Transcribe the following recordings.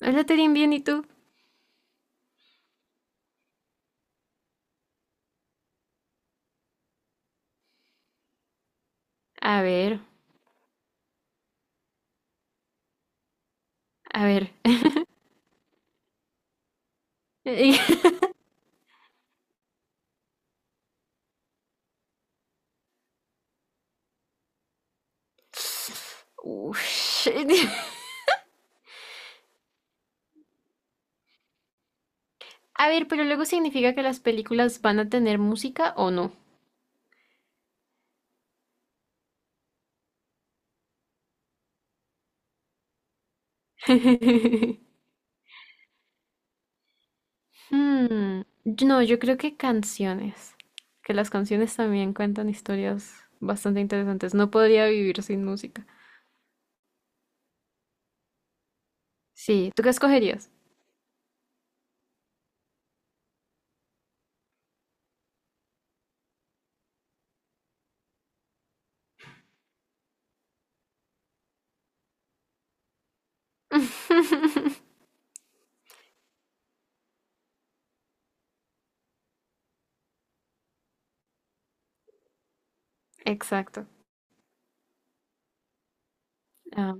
Hola, Terín, bien, ¿y tú? A ver, a ver. Y- Ush. A ver, pero luego significa que las películas van a tener música o no. Hmm, No, yo creo que canciones. Que las canciones también cuentan historias bastante interesantes. No podría vivir sin música. Sí, ¿tú qué escogerías? Exacto. Ah.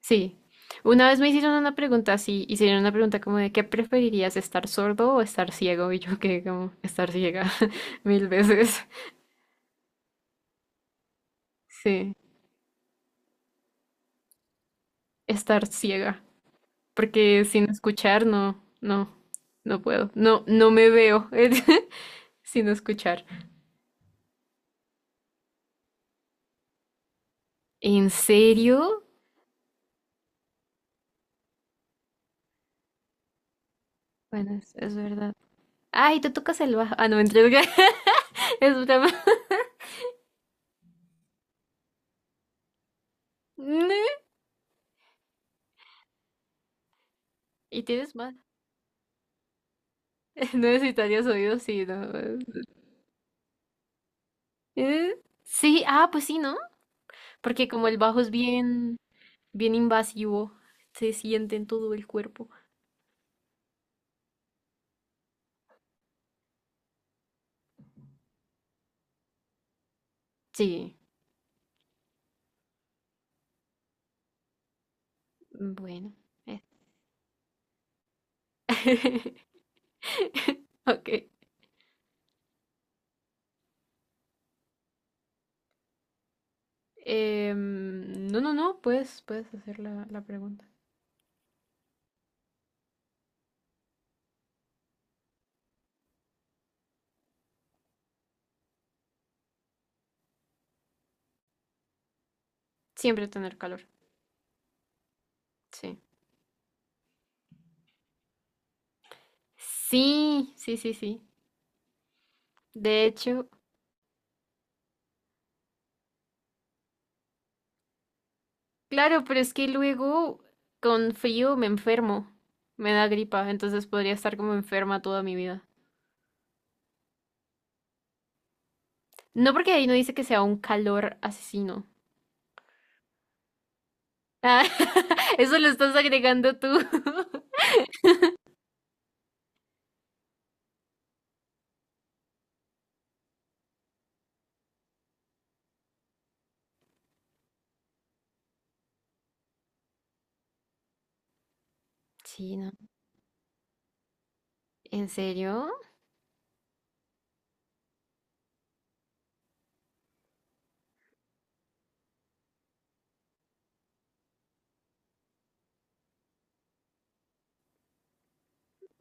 Sí. Una vez me hicieron una pregunta así, hicieron una pregunta como de ¿qué preferirías, estar sordo o estar ciego? Y yo que como estar ciega 1000 veces. Sí, estar ciega, porque sin escuchar no puedo. No, no me veo sin escuchar. ¿En serio? Bueno, es verdad. Ay, te tocas el bajo. Ah, no, mentira. Es broma. Ne- Y tienes más. No necesitarías oídos, sí, no. Eh, Sí, ah, pues sí, ¿no? Porque como el bajo es bien, bien invasivo, se siente en todo el cuerpo. Sí, bueno. eh. Ok. No, no, no, puedes, puedes hacer la pregunta. Siempre tener calor. Sí. Sí, sí, sí, sí. De hecho, claro, pero es que luego con frío me enfermo. Me da gripa, entonces podría estar como enferma toda mi vida. No porque ahí no dice que sea un calor asesino. Ah, eso lo estás agregando tú. Sí, no. ¿En serio?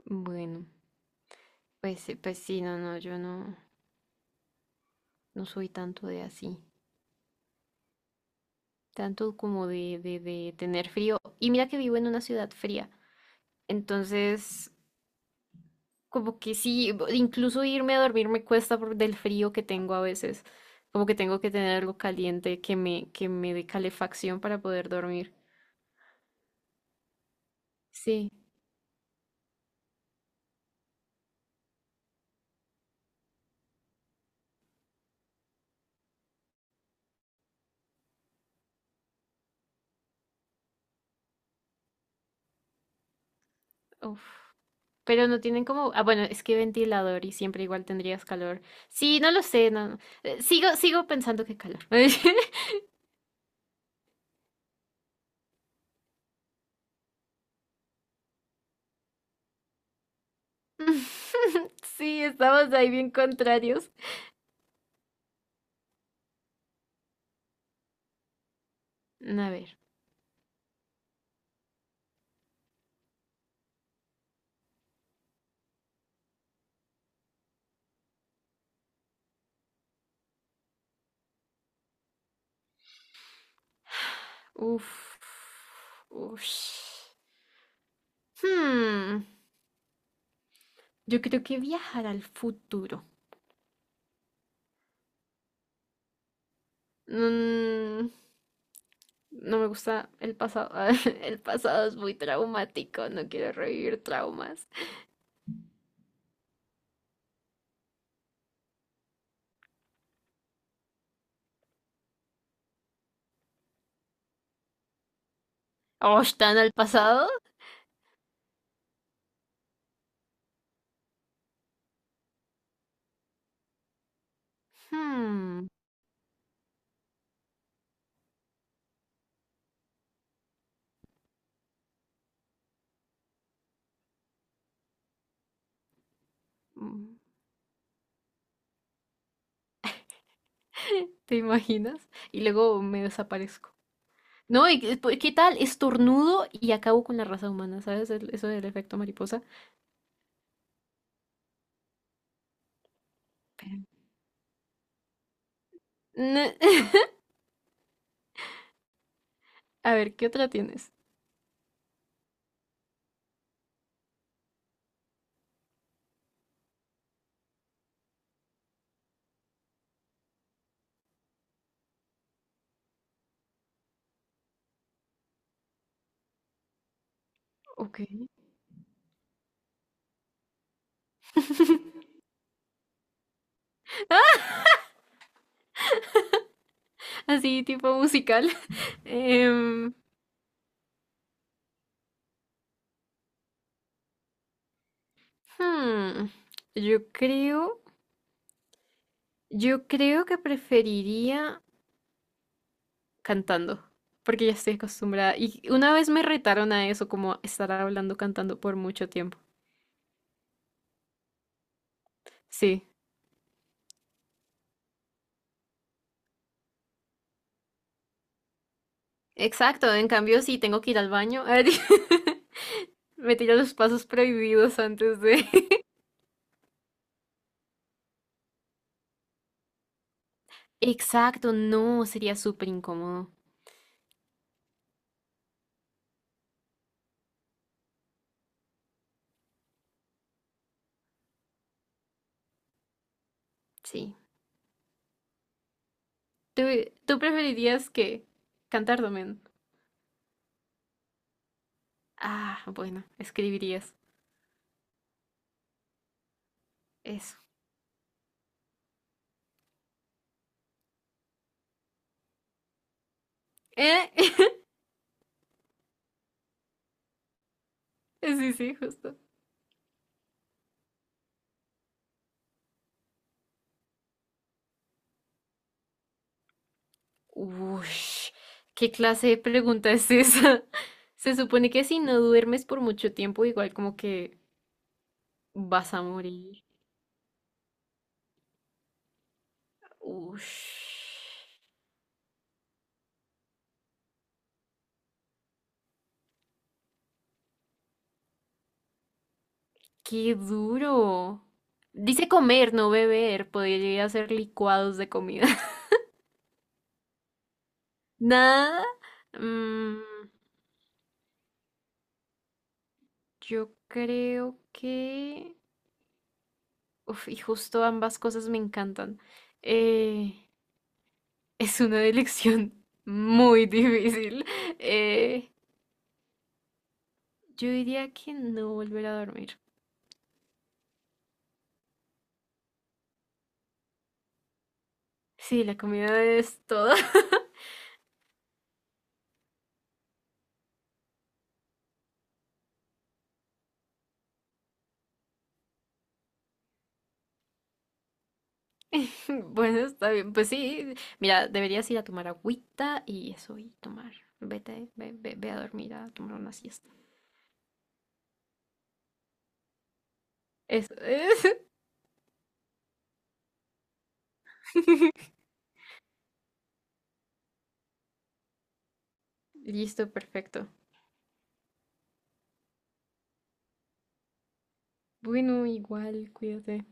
Bueno, pues, pues sí, no, no, yo no, no soy tanto de así, tanto como de tener frío. Y mira que vivo en una ciudad fría, entonces como que sí, incluso irme a dormir me cuesta por del frío que tengo a veces, como que tengo que tener algo caliente que me dé calefacción para poder dormir. Sí, Uf. Pero no tienen como, ah, bueno, es que ventilador y siempre igual tendrías calor. Sí, no lo sé, no, no. Sigo pensando que calor. Sí, estamos ahí bien contrarios. A ver. Uf. Ush. Hmm. Yo creo que viajar al futuro. Mm, no me gusta el pasado. El pasado es muy traumático. No quiero revivir traumas. ¿O están al pasado? Hmm. mm. ¿Te imaginas? Y luego me desaparezco. No, pues, ¿qué tal? Estornudo y acabo con la raza humana, ¿sabes? Eso del efecto mariposa. Pero- Ne- A ver, ¿qué otra tienes? Ok. Así, tipo musical. Em, hmm, Yo creo, yo creo que preferiría cantando, porque ya estoy acostumbrada. Y una vez me retaron a eso, como estar hablando cantando por mucho tiempo. Sí, exacto. En cambio, si tengo que ir al baño. Me tira los pasos prohibidos antes de… Exacto, no, sería súper incómodo. Sí. ¿Tú, ¿tú preferirías que cantar también? Ah, bueno, escribirías. Eso. ¿Eh? Sí, sí, justo. Uy, ¿qué clase de pregunta es esa? Se supone que si no duermes por mucho tiempo, igual como que vas a morir. Uy, qué duro. Dice comer, no beber. Podría ser licuados de comida. Nada. Mm, yo creo que… Uf, y justo ambas cosas me encantan. Eh, es una elección muy difícil. Eh, yo diría que no volver a dormir. Sí, la comida es todo. Bueno, está bien. Pues sí, mira, deberías ir a tomar agüita y eso, y tomar. Vete, ve, ve, ve a dormir, a tomar una siesta. Eso es. Listo, perfecto. Bueno, igual, cuídate.